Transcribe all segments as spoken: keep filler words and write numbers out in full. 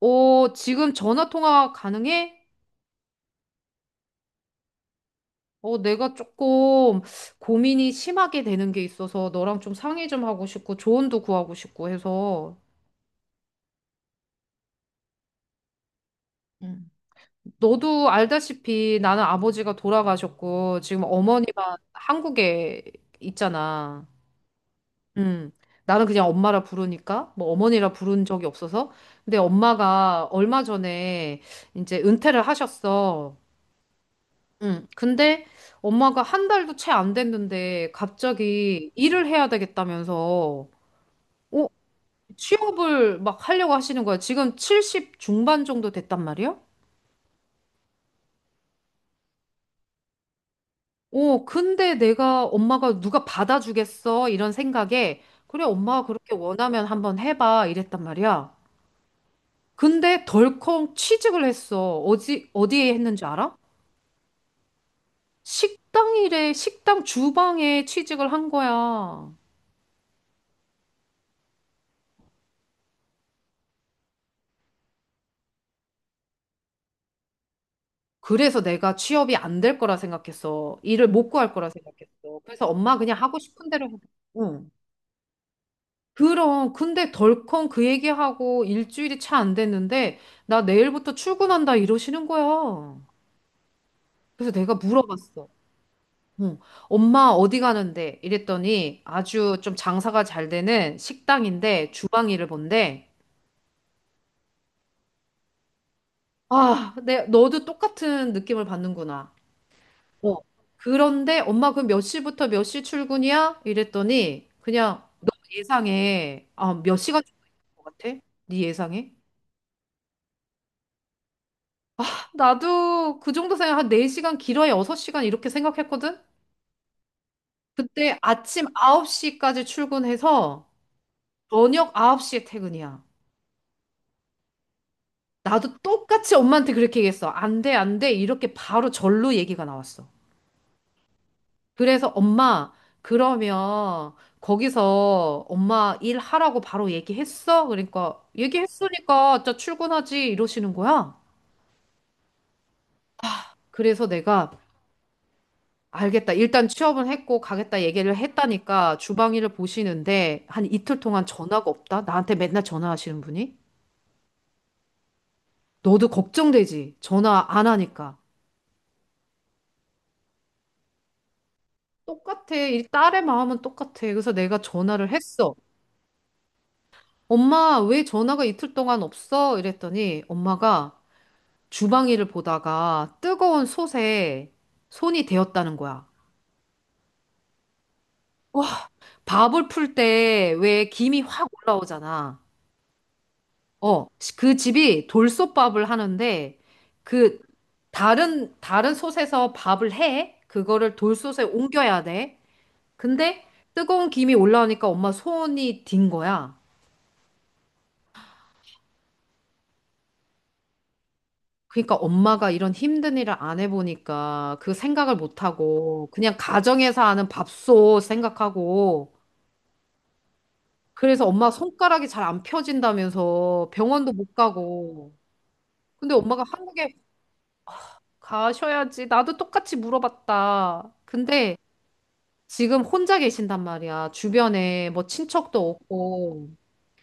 어, 지금 전화 통화 가능해? 어, 내가 조금 고민이 심하게 되는 게 있어서 너랑 좀 상의 좀 하고 싶고 조언도 구하고 싶고 해서 음. 너도 알다시피 나는 아버지가 돌아가셨고 지금 어머니만 한국에 있잖아. 음. 나는 그냥 엄마라 부르니까 뭐 어머니라 부른 적이 없어서 근데 엄마가 얼마 전에 이제 은퇴를 하셨어. 응. 근데 엄마가 한 달도 채 안 됐는데 갑자기 일을 해야 되겠다면서 어, 취업을 막 하려고 하시는 거야. 지금 칠십 중반 정도 됐단 말이야? 어, 근데 내가 엄마가 누가 받아주겠어? 이런 생각에 그래, 엄마가 그렇게 원하면 한번 해봐. 이랬단 말이야. 근데 덜컹 취직을 했어. 어디, 어디에 했는지 알아? 식당 일에, 식당 주방에 취직을 한 거야. 그래서 내가 취업이 안 될 거라 생각했어. 일을 못 구할 거라 생각했어. 그래서 엄마 그냥 하고 싶은 대로 해. 응. 그럼 근데 덜컹 그 얘기하고 일주일이 차 안 됐는데 나 내일부터 출근한다 이러시는 거야. 그래서 내가 물어봤어. 응. 엄마 어디 가는데? 이랬더니 아주 좀 장사가 잘 되는 식당인데 주방 일을 본대. 아, 내 너도 똑같은 느낌을 받는구나. 어. 그런데 엄마 그럼 몇 시부터 몇 시 출근이야? 이랬더니 그냥 너 예상해. 아, 몇 시간 줄것 같아? 네 예상해? 나도 그 정도 생각 한 네 시간 길어야 여섯 시간 이렇게 생각했거든? 그때 아침 아홉 시까지 출근해서 저녁 아홉 시에 퇴근이야. 나도 똑같이 엄마한테 그렇게 얘기했어. 안 돼, 안 돼. 이렇게 바로 절로 얘기가 나왔어. 그래서 엄마, 그러면 거기서 엄마 일하라고 바로 얘기했어? 그러니까 얘기했으니까 저 출근하지 이러시는 거야. 그래서 내가 알겠다. 일단 취업은 했고 가겠다 얘기를 했다니까 주방 일을 보시는데 한 이틀 동안 전화가 없다. 나한테 맨날 전화하시는 분이. 너도 걱정되지. 전화 안 하니까. 똑같아. 이 딸의 마음은 똑같아. 그래서 내가 전화를 했어. 엄마, 왜 전화가 이틀 동안 없어? 이랬더니 엄마가 주방일을 보다가 뜨거운 솥에 손이 데였다는 거야. 밥을 풀 때 왜 김이 확 올라오잖아. 어, 그 집이 돌솥밥을 하는데 그 다른 다른 솥에서 밥을 해. 그거를 돌솥에 옮겨야 돼. 근데 뜨거운 김이 올라오니까 엄마 손이 딘 거야. 그러니까 엄마가 이런 힘든 일을 안 해보니까 그 생각을 못하고 그냥 가정에서 하는 밥솥 생각하고 그래서 엄마 손가락이 잘 안 펴진다면서 병원도 못 가고. 근데 엄마가 한국에 가셔야지. 나도 똑같이 물어봤다. 근데 지금 혼자 계신단 말이야. 주변에 뭐 친척도 없고.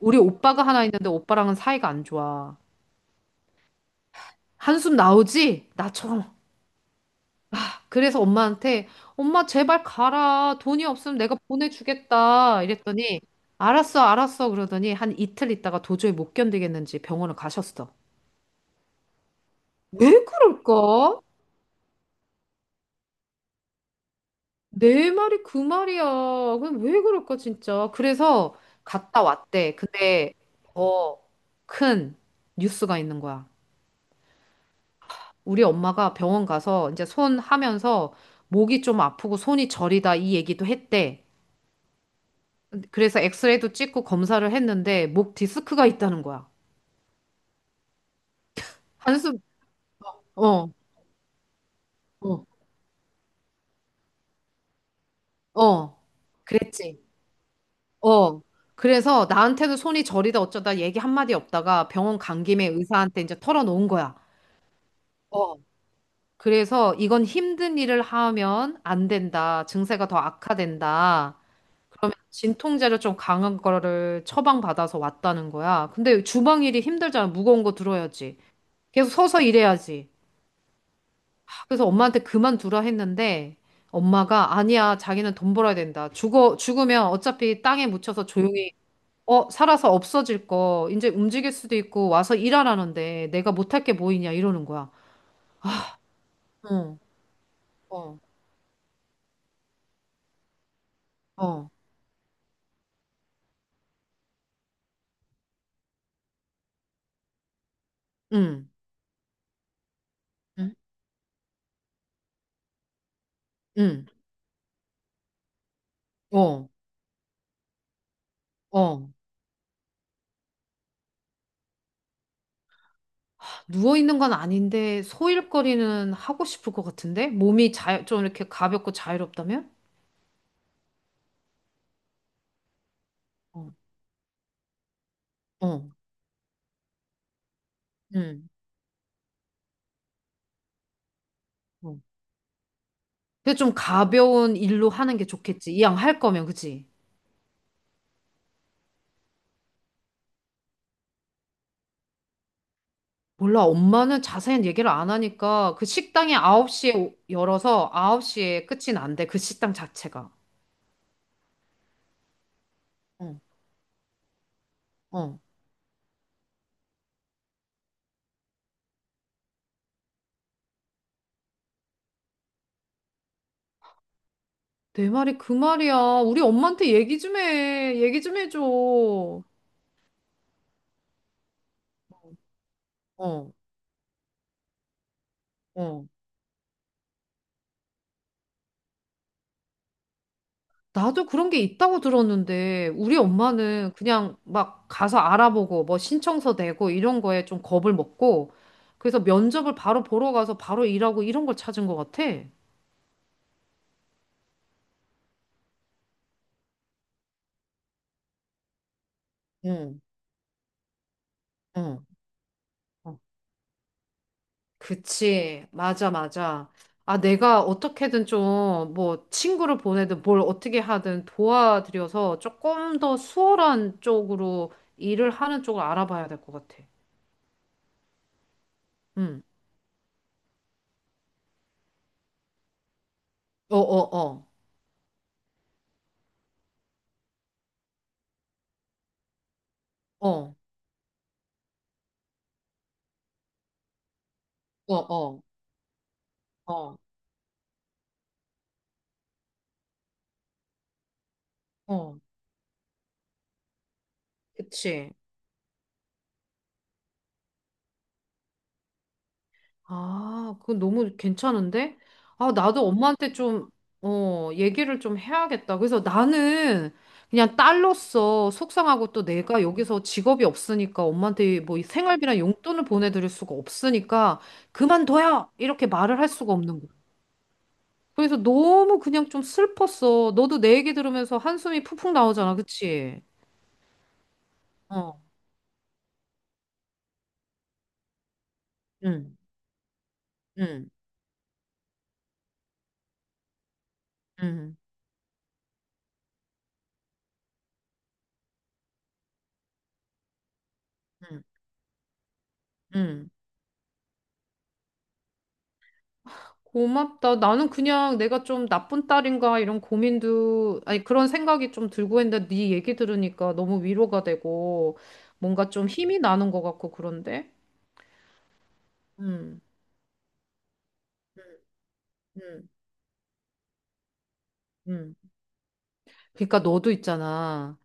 우리 오빠가 하나 있는데 오빠랑은 사이가 안 좋아. 한숨 나오지? 나처럼. 그래서 엄마한테 엄마 제발 가라. 돈이 없으면 내가 보내주겠다. 이랬더니 알았어, 알았어. 그러더니 한 이틀 있다가 도저히 못 견디겠는지 병원을 가셨어. 왜 그럴까? 내 말이 그 말이야. 그럼 왜 그럴까, 진짜. 그래서 갔다 왔대. 근데 더 큰 뉴스가 있는 거야. 우리 엄마가 병원 가서 이제 손 하면서 목이 좀 아프고 손이 저리다 이 얘기도 했대. 그래서 엑스레이도 찍고 검사를 했는데 목 디스크가 있다는 거야. 한숨, 어, 어, 어. 그랬지. 어. 그래서 나한테도 손이 저리다 어쩌다 얘기 한마디 없다가 병원 간 김에 의사한테 이제 털어놓은 거야. 어. 그래서 이건 힘든 일을 하면 안 된다. 증세가 더 악화된다. 진통제를 좀 강한 거를 처방받아서 왔다는 거야. 근데 주방일이 힘들잖아. 무거운 거 들어야지. 계속 서서 일해야지. 그래서 엄마한테 그만두라 했는데 엄마가 아니야. 자기는 돈 벌어야 된다. 죽어, 죽으면 어차피 땅에 묻혀서 조용히 어, 살아서 없어질 거, 이제 움직일 수도 있고, 와서 일하라는데, 내가 못할 게 뭐 있냐 이러는 거야. 어, 어, 어, 응, 응? 응, 어, 어. 누워있는 건 아닌데, 소일거리는 하고 싶을 것 같은데? 몸이 자, 좀 이렇게 가볍고 자유롭다면? 어, 어, 응, 어. 근데 좀 가벼운 일로 하는 게 좋겠지. 이왕 할 거면, 그치? 몰라, 엄마는 자세한 얘기를 안 하니까, 그 식당이 아홉 시에 열어서 아홉 시에 끝이 난대, 그 식당 자체가. 어. 어, 내 말이 그 말이야. 우리 엄마한테 얘기 좀 해. 얘기 좀 해줘. 어, 어. 나도 그런 게 있다고 들었는데, 우리 엄마는 그냥 막 가서 알아보고, 뭐 신청서 내고, 이런 거에 좀 겁을 먹고, 그래서 면접을 바로 보러 가서 바로 일하고 이런 걸 찾은 것 같아. 응, 응. 그치. 맞아, 맞아. 아, 내가 어떻게든 좀, 뭐, 친구를 보내든 뭘 어떻게 하든 도와드려서 조금 더 수월한 쪽으로 일을 하는 쪽을 알아봐야 될 것 같아. 응. 어, 어, 어. 어, 어, 어. 어, 어. 그치. 아, 그건 너무 괜찮은데? 아, 나도 엄마한테 좀, 어, 얘기를 좀 해야겠다. 그래서 나는 그냥 딸로서 속상하고 또 내가 여기서 직업이 없으니까 엄마한테 뭐이 생활비나 용돈을 보내드릴 수가 없으니까 그만둬요! 이렇게 말을 할 수가 없는 거야. 그래서 너무 그냥 좀 슬펐어. 너도 내 얘기 들으면서 한숨이 푹푹 나오잖아. 그치? 어, 응, 응, 응, 응, 응. 고맙다. 나는 그냥 내가 좀 나쁜 딸인가 이런 고민도, 아니 그런 생각이 좀 들고 했는데 네 얘기 들으니까 너무 위로가 되고 뭔가 좀 힘이 나는 것 같고 그런데? 음, 음, 음. 음. 그러니까 너도 있잖아.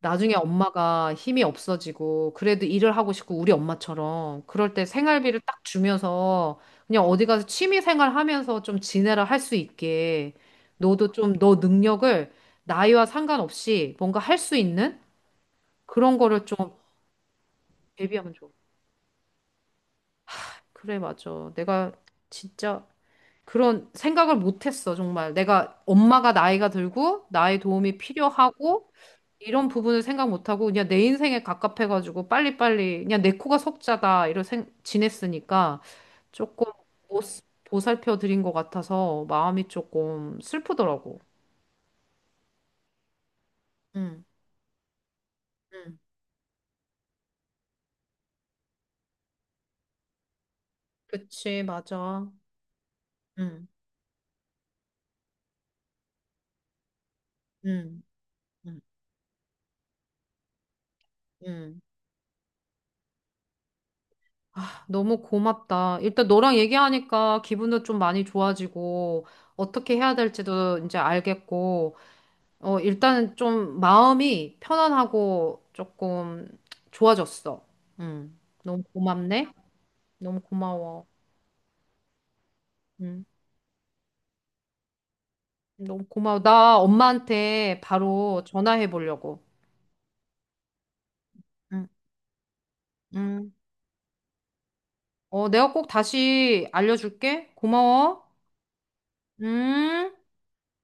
나중에 엄마가 힘이 없어지고 그래도 일을 하고 싶고 우리 엄마처럼 그럴 때 생활비를 딱 주면서 그냥 어디 가서 취미 생활 하면서 좀 지내라 할 수 있게 너도 좀 너 능력을 나이와 상관없이 뭔가 할 수 있는 그런 거를 좀 대비하면 좋아. 그래, 맞아. 내가 진짜 그런 생각을 못 했어, 정말. 내가 엄마가 나이가 들고 나의 도움이 필요하고 이런 부분을 생각 못하고 그냥 내 인생에 갑갑해가지고 빨리빨리 그냥 내 코가 석자다 이런 생 지냈으니까 조금 못 보살펴 드린 것 같아서 마음이 조금 슬프더라고. 응, 응, 그치, 맞아. 응, 응, 응, 응. 너무 고맙다. 일단 너랑 얘기하니까 기분도 좀 많이 좋아지고 어떻게 해야 될지도 이제 알겠고 어, 일단은 좀 마음이 편안하고 조금 좋아졌어. 음 너무 고맙네. 너무 고마워. 음 너무 고마워. 나 엄마한테 바로 전화해 보려고. 음 음 어, 내가 꼭 다시 알려줄게. 고마워. 음.